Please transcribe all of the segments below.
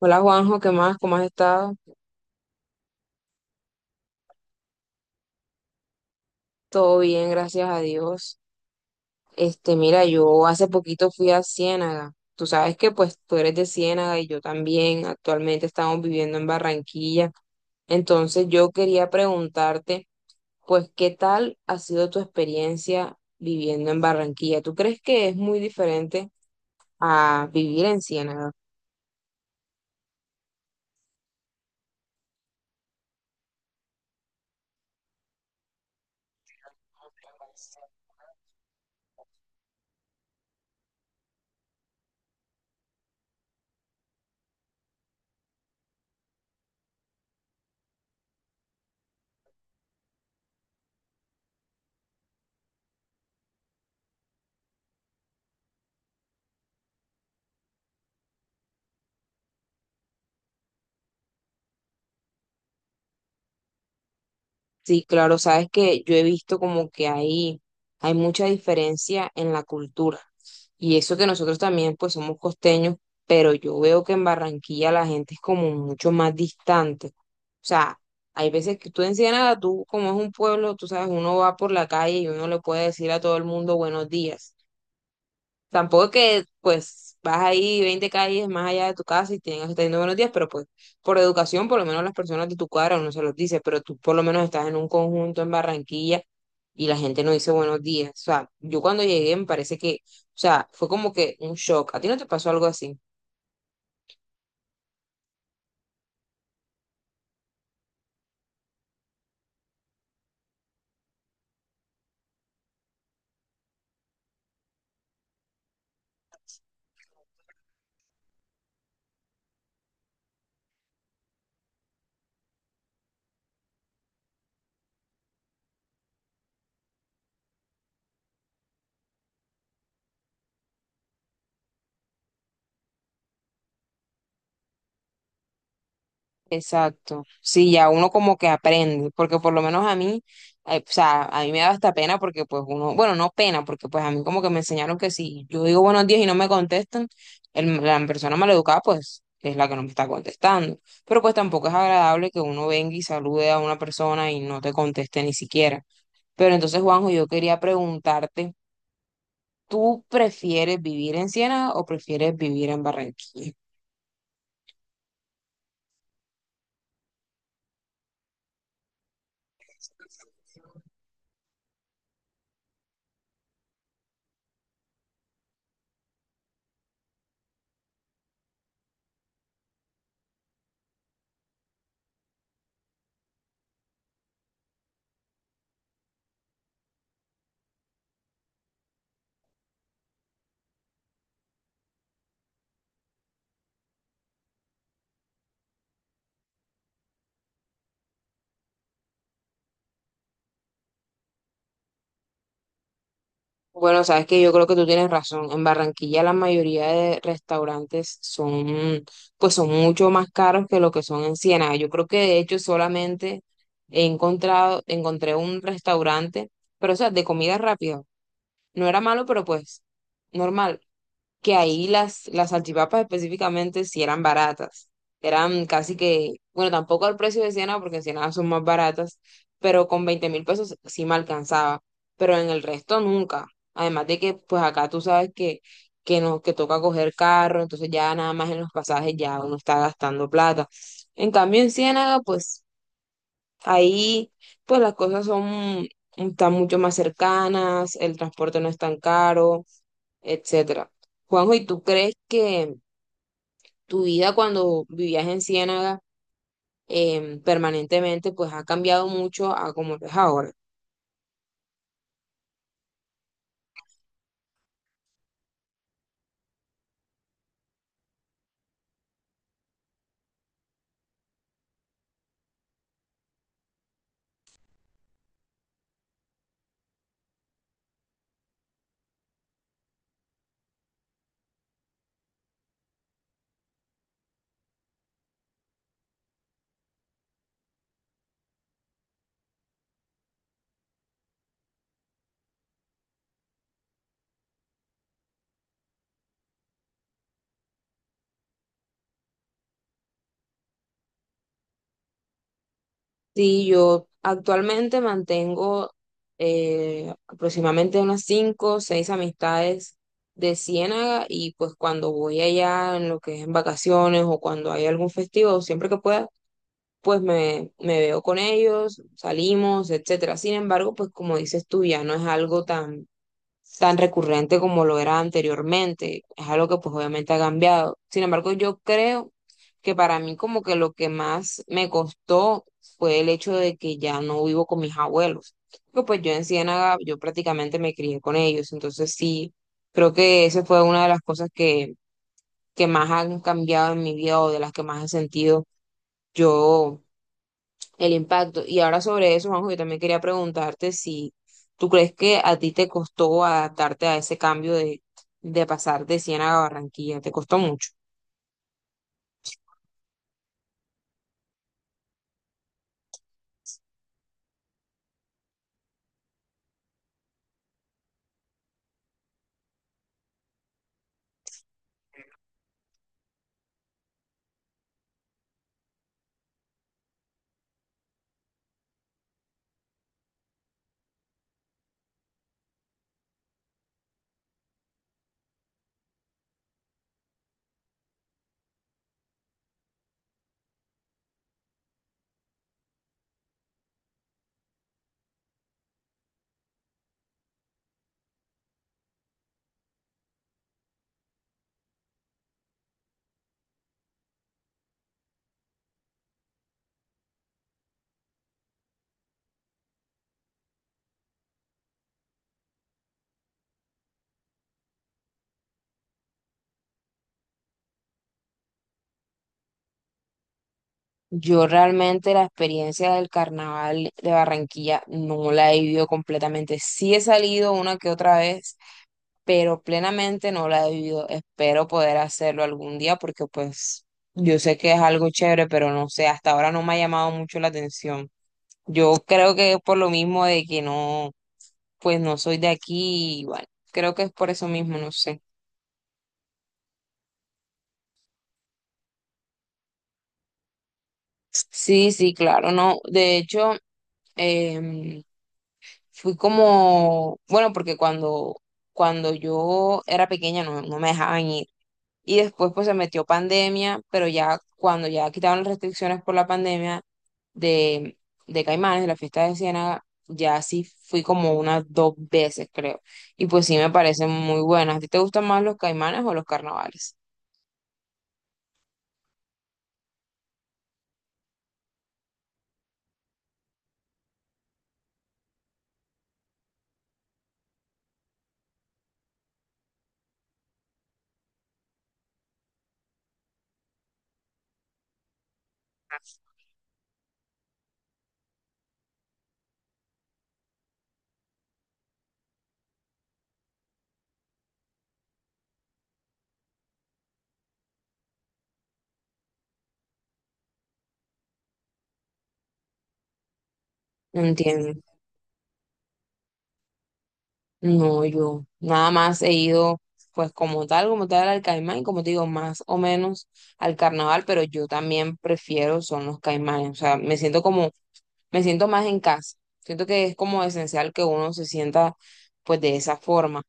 Hola Juanjo, ¿qué más? ¿Cómo has estado? Todo bien, gracias a Dios. Mira, yo hace poquito fui a Ciénaga. Tú sabes que pues tú eres de Ciénaga y yo también. Actualmente estamos viviendo en Barranquilla. Entonces yo quería preguntarte, pues, ¿qué tal ha sido tu experiencia viviendo en Barranquilla? ¿Tú crees que es muy diferente a vivir en Ciénaga? Sí, claro, sabes que yo he visto como que hay mucha diferencia en la cultura. Y eso que nosotros también pues somos costeños, pero yo veo que en Barranquilla la gente es como mucho más distante. O sea, hay veces que tú en Ciénaga, tú como es un pueblo, tú sabes, uno va por la calle y uno le puede decir a todo el mundo buenos días. Tampoco que, pues, vas ahí 20 calles más allá de tu casa y tienes que estar diciendo buenos días, pero pues, por educación, por lo menos las personas de tu cuadra uno se los dice, pero tú por lo menos estás en un conjunto en Barranquilla y la gente no dice buenos días. O sea, yo cuando llegué me parece que, o sea, fue como que un shock. ¿A ti no te pasó algo así? Exacto. Sí, ya uno como que aprende, porque por lo menos a mí, o sea, a mí me da hasta pena porque pues uno, bueno, no pena, porque pues a mí como que me enseñaron que si yo digo buenos días y no me contestan, la persona maleducada pues es la que no me está contestando. Pero pues tampoco es agradable que uno venga y salude a una persona y no te conteste ni siquiera. Pero entonces, Juanjo, yo quería preguntarte, ¿tú prefieres vivir en Siena o prefieres vivir en Barranquilla? Bueno, sabes que yo creo que tú tienes razón. En Barranquilla la mayoría de restaurantes son, pues son mucho más caros que lo que son en Ciénaga. Yo creo que de hecho solamente encontré un restaurante, pero o sea, de comida rápida. No era malo, pero pues normal, que ahí las salchipapas específicamente sí eran baratas. Eran casi que, bueno, tampoco al precio de Siena, porque en Siena son más baratas, pero con 20.000 pesos sí me alcanzaba, pero en el resto nunca. Además de que, pues acá tú sabes no, que toca coger carro, entonces ya nada más en los pasajes ya uno está gastando plata. En cambio, en Ciénaga, pues ahí, pues las cosas son, están mucho más cercanas, el transporte no es tan caro, etcétera. Juanjo, ¿y tú crees que tu vida cuando vivías en Ciénaga permanentemente pues ha cambiado mucho a como lo es ahora? Sí, yo actualmente mantengo aproximadamente unas cinco o seis amistades de Ciénaga, y pues cuando voy allá en lo que es en vacaciones o cuando hay algún festivo, siempre que pueda, pues me veo con ellos, salimos, etcétera. Sin embargo, pues como dices tú, ya no es algo tan recurrente como lo era anteriormente. Es algo que pues obviamente ha cambiado. Sin embargo, yo creo que para mí como que lo que más me costó fue el hecho de que ya no vivo con mis abuelos. Porque pues yo en Ciénaga, yo prácticamente me crié con ellos. Entonces sí, creo que esa fue una de las cosas que más han cambiado en mi vida o de las que más he sentido yo el impacto. Y ahora sobre eso, Juanjo, yo también quería preguntarte si tú crees que a ti te costó adaptarte a ese cambio de pasar de Ciénaga a Barranquilla, te costó mucho. Yo realmente la experiencia del carnaval de Barranquilla no la he vivido completamente. Sí he salido una que otra vez, pero plenamente no la he vivido. Espero poder hacerlo algún día porque pues yo sé que es algo chévere, pero no sé, hasta ahora no me ha llamado mucho la atención. Yo creo que es por lo mismo de que no, pues no soy de aquí y bueno, creo que es por eso mismo, no sé. Sí, sí, claro, no. De hecho, em, fui como, bueno, porque cuando, cuando yo era pequeña no me dejaban ir. Y después pues se metió pandemia, pero ya cuando ya quitaron las restricciones por la pandemia de, de Caimanes, de la fiesta de Ciénaga, ya sí fui como unas dos veces, creo. Y pues sí me parecen muy buenas. ¿A ti te gustan más los Caimanes o los carnavales? No entiendo. No, yo nada más he ido, pues como tal al Caimán, y como te digo, más o menos al carnaval, pero yo también prefiero son los Caimanes, o sea, me siento como, me siento más en casa, siento que es como esencial que uno se sienta pues de esa forma.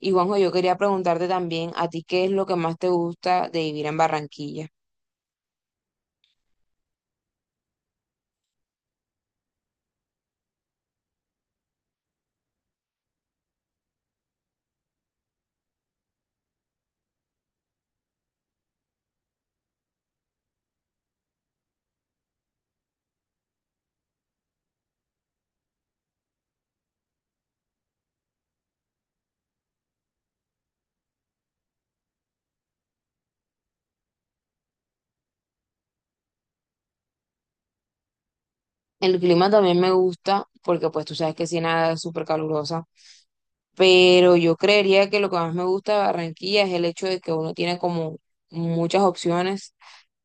Y Juanjo, yo quería preguntarte también, ¿a ti qué es lo que más te gusta de vivir en Barranquilla? El clima también me gusta, porque pues tú sabes que Siena es súper calurosa, pero yo creería que lo que más me gusta de Barranquilla es el hecho de que uno tiene como muchas opciones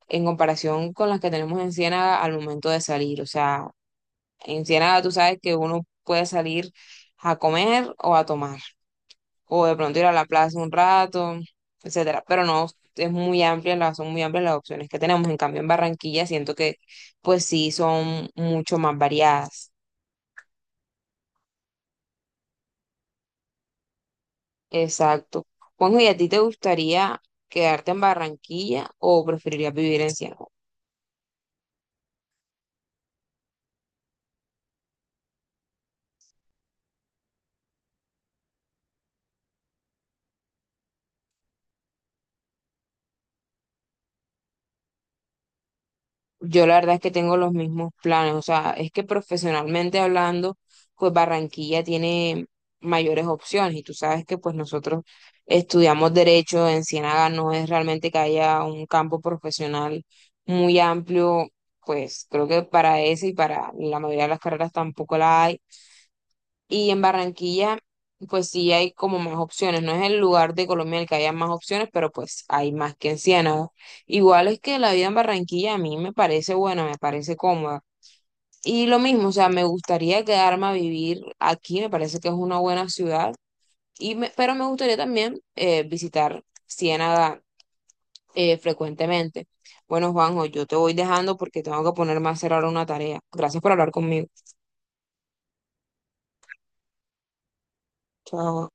en comparación con las que tenemos en Ciénaga al momento de salir. O sea, en Ciénaga tú sabes que uno puede salir a comer o a tomar, o de pronto ir a la plaza un rato, etcétera. Pero no, es muy amplia, son muy amplias las opciones que tenemos. En cambio, en Barranquilla siento que pues sí son mucho más variadas. Exacto. Juanjo, ¿y a ti te gustaría quedarte en Barranquilla o preferirías vivir en Cienfuegos? Yo la verdad es que tengo los mismos planes, o sea, es que profesionalmente hablando, pues Barranquilla tiene mayores opciones y tú sabes que pues nosotros estudiamos derecho en Ciénaga, no es realmente que haya un campo profesional muy amplio, pues creo que para ese y para la mayoría de las carreras tampoco la hay. Y en Barranquilla, pues sí hay como más opciones. No es el lugar de Colombia en el que haya más opciones, pero pues hay más que en Ciénaga. Igual es que la vida en Barranquilla a mí me parece buena, me parece cómoda. Y lo mismo, o sea, me gustaría quedarme a vivir aquí, me parece que es una buena ciudad. Pero me gustaría también visitar Ciénaga frecuentemente. Bueno, Juanjo, yo te voy dejando porque tengo que ponerme a hacer ahora una tarea. Gracias por hablar conmigo. Chao.